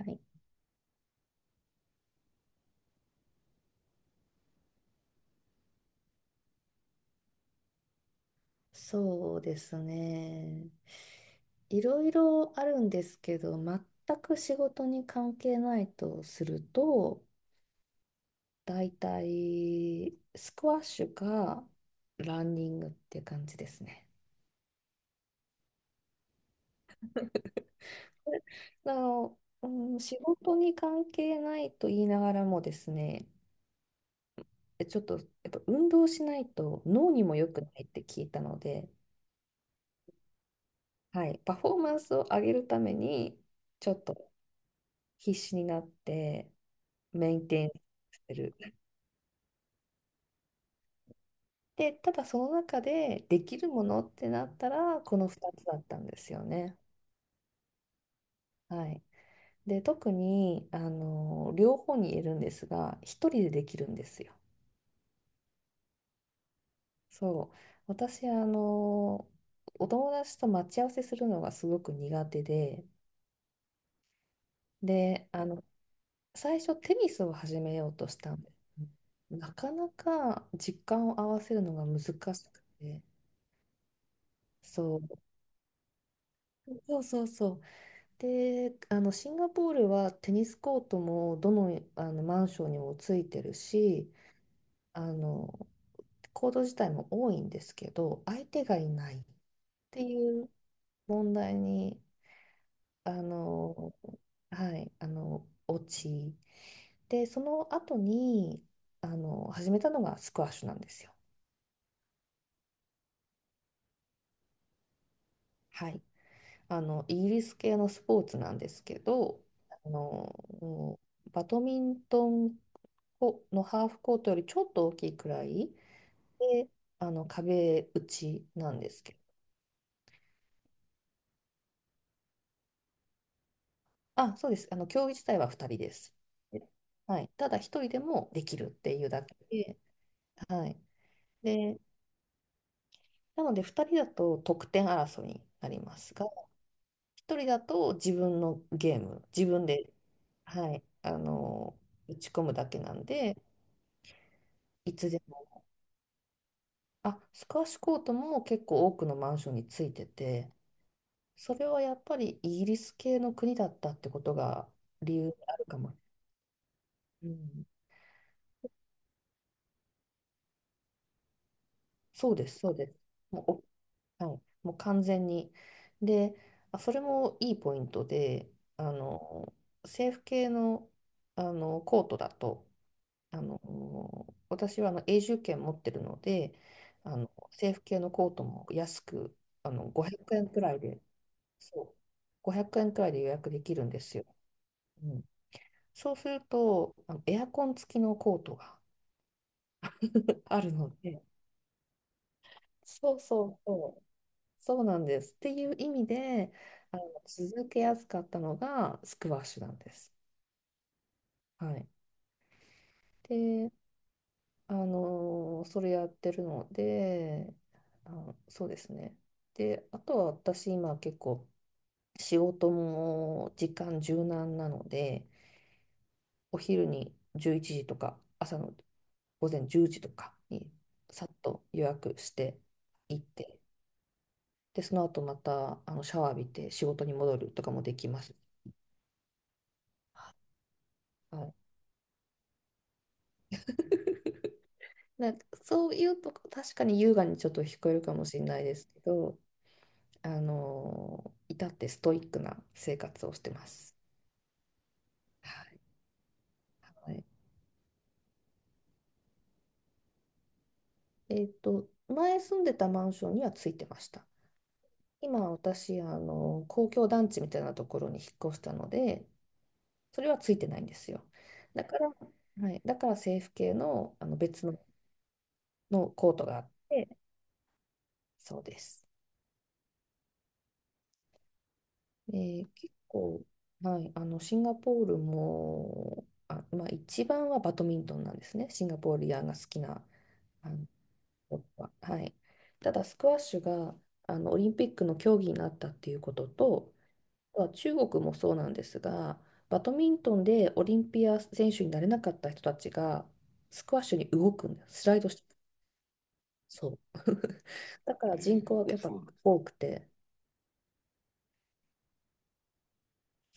はい、そうですね。いろいろあるんですけど、全く仕事に関係ないとすると、だいたいスクワッシュかランニングって感じですね。あの、うん、仕事に関係ないと言いながらもですね、ちょっとやっぱ運動しないと脳にも良くないって聞いたので、はい、パフォーマンスを上げるためにちょっと必死になってメンテインしてる。で、ただその中でできるものってなったら、この2つだったんですよね。はい。で、特に、両方に言えるんですが、一人でできるんですよ。そう。私、お友達と待ち合わせするのがすごく苦手で、で、最初テニスを始めようとしたんです。なかなか時間を合わせるのが難しくて、そう、そうそうそう。で、シンガポールはテニスコートもどの、あのマンションにもついてるし、あのコート自体も多いんですけど、相手がいないっていう問題に、あの、はい、落ち。で、その後に、始めたのがスクワッシュなんですよ。はい。イギリス系のスポーツなんですけど、あのバドミントンコのハーフコートよりちょっと大きいくらいで、壁打ちなんですけど、あ、そうです、競技自体は2人です。はい、ただ一人でもできるっていうだけで、はい、で、なので2人だと得点争いになりますが、一人だと自分のゲーム、自分で、はい、打ち込むだけなんで、いつでも、あ、スカッシュコートも結構多くのマンションについてて、それはやっぱりイギリス系の国だったってことが理由であるかも。うん、そうです、そうです。もう、はい、もう完全に。で、あ、それもいいポイントで、あの、政府系の、コートだと、あの、私は永住権持ってるので、政府系のコートも安く、500円くえんくらいで、そう、500円くえんくらいで予約できるんですよ。うん、そうすると、エアコン付きのコートが あるので、そうそうそう、そうなんです。っていう意味で、続けやすかったのがスクワッシュなんです。はい。で、それやってるので、そうですね。で、あとは私今結構仕事も時間柔軟なので、お昼に11時とか朝の午前10時とかにさっと予約して行って、で、その後またシャワー浴びて仕事に戻るとかもできます。はい。なんかそういうとこ、確かに優雅にちょっと聞こえるかもしれないですけど、あの至ってストイックな生活をしてます。はい。はい。前住んでたマンションにはついてました。今私、公共団地みたいなところに引っ越したので、それはついてないんですよ。だから、はい、だから政府系の、別の、のコートがあって、そうです。で結構、はい、シンガポールも、あ、まあ、一番はバドミントンなんですね、シンガポーリアンが好きなあのこは。はい、ただ、スクワッシュがオリンピックの競技になったっていうことと、あとは中国もそうなんですが、バドミントンでオリンピア選手になれなかった人たちが、スクワッシュに動くんです、スライドしてそう。だから人口はやーっぱそうなんです。多くて、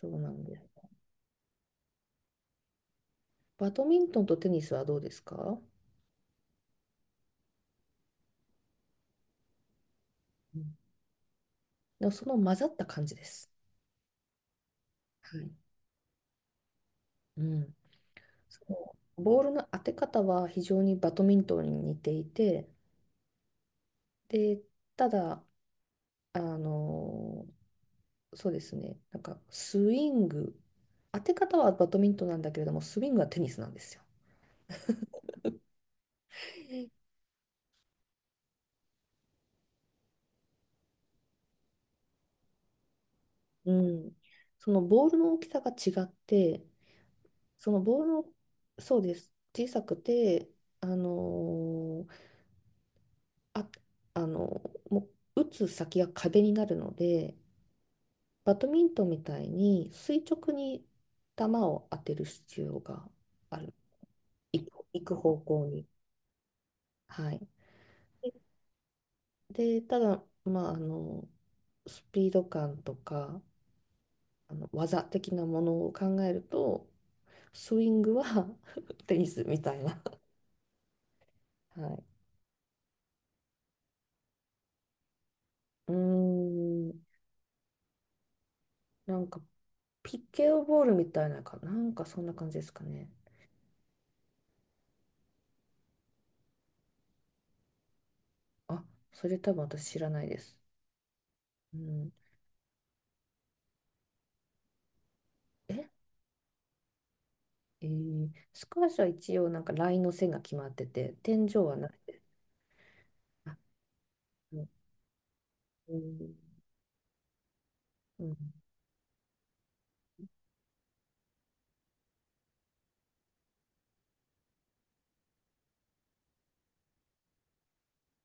そうなんです。バドミントンとテニスはどうですか？うん、でもその混ざった感じです。はい。うん。そのボールの当て方は非常にバドミントンに似ていて、で、ただ、あのそうですね、なんかスイング、当て方はバドミントンなんだけれども、スイングはテニスなんですよ。うん。そのボールの大きさが違って、そのボールを、そうです。小さくて、あのーあ、あのもう打つ先が壁になるので、バドミントンみたいに垂直に球を当てる必要がある。行く方向に。はい。で、ただ、まあ、スピード感とか、技的なものを考えると、スイングは テニスみたいな。はい。うーん、なんかピケオボールみたいなか、なんかそんな感じですかね。あ、それ多分私知らないです。うん、え、えースカーシは一応なんかラインの線が決まってて、天井はない。あ、うん、うん。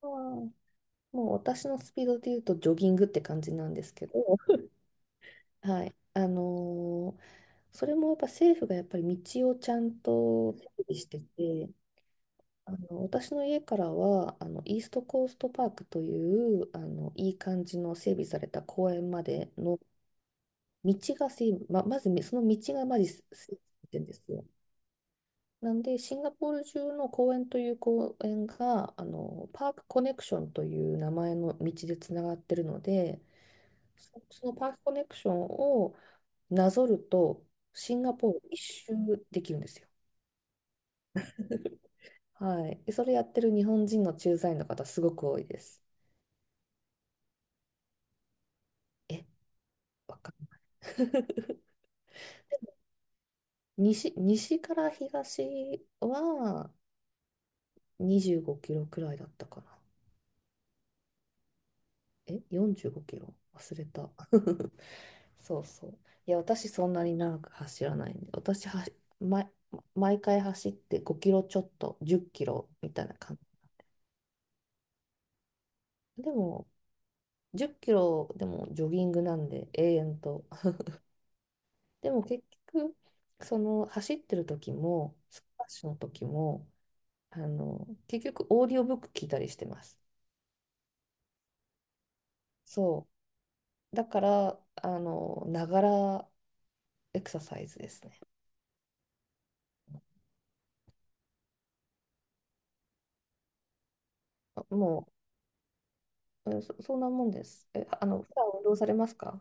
あーもう私のスピードで言うとジョギングって感じなんですけど、はい。それもやっぱ政府がやっぱり道をちゃんと整備してて、私の家からはイーストコーストパークといういい感じの整備された公園までの道が整備、ま、まずみその道がまず整備されてるんですよ。なんでシンガポール中の公園という公園がパークコネクションという名前の道でつながってるので、そのパークコネクションをなぞるとシンガポール一周できるんですよ。はい、でそれやってる日本人の駐在員の方すごく多いです。えわかんない。 西から東は25キロくらいだったかな。え、45キロ忘れた。そうそう。いや、私そんなに長く走らないんで、私は、毎毎回走って5キロちょっと、10キロみたいな感じ。でも、10キロでもジョギングなんで、永遠と。でも結局、その走ってる時も、スクワッシュの時も、結局オーディオブック聞いたりしてます。そう。だから、ながらエクササイズですね。もう、うん、そんなもんです。え、あの、普段運動されますか？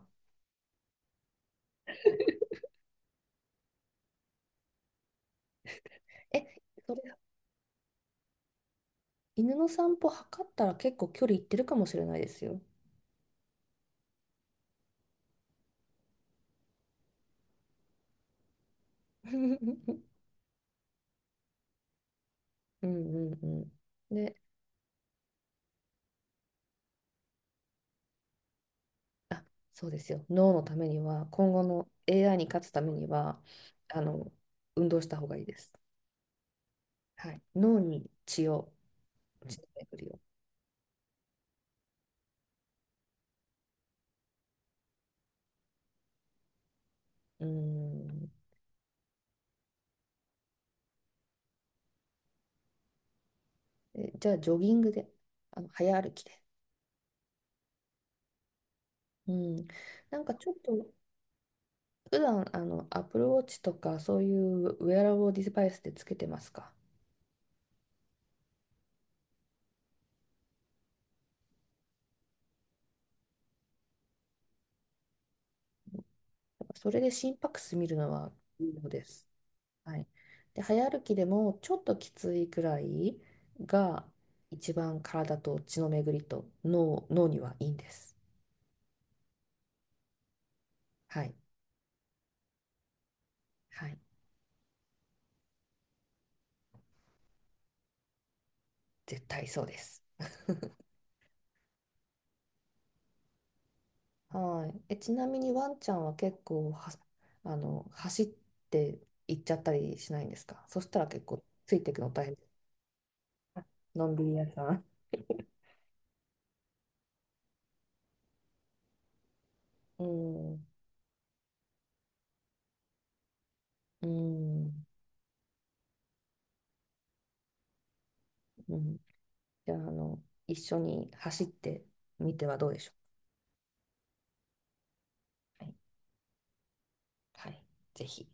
え、それ、犬の散歩測ったら結構距離いってるかもしれないですよ。うんうんうん。で、あ、そうですよ。脳のためには、今後の AI に勝つためには、あの、運動した方がいいです。はい。脳に血の巡りを。うん。じゃあ、ジョギングで、早歩きで。うん、なんかちょっと普段Apple Watch とかそういうウェアラブルデバイスでつけてますか？やっぱそれで心拍数見るのはいいのです。はい。で、早歩きでもちょっときついくらいが一番体と血の巡りと脳にはいいんです。はい。はい。絶対そうです。はい。ちなみにワンちゃんは結構は、走って行っちゃったりしないんですか？そしたら結構ついていくの大変です。のんびり屋さん。うん、うん、うん。じゃあ、一緒に走ってみてはどうでしょう。はい、はい、ぜひ。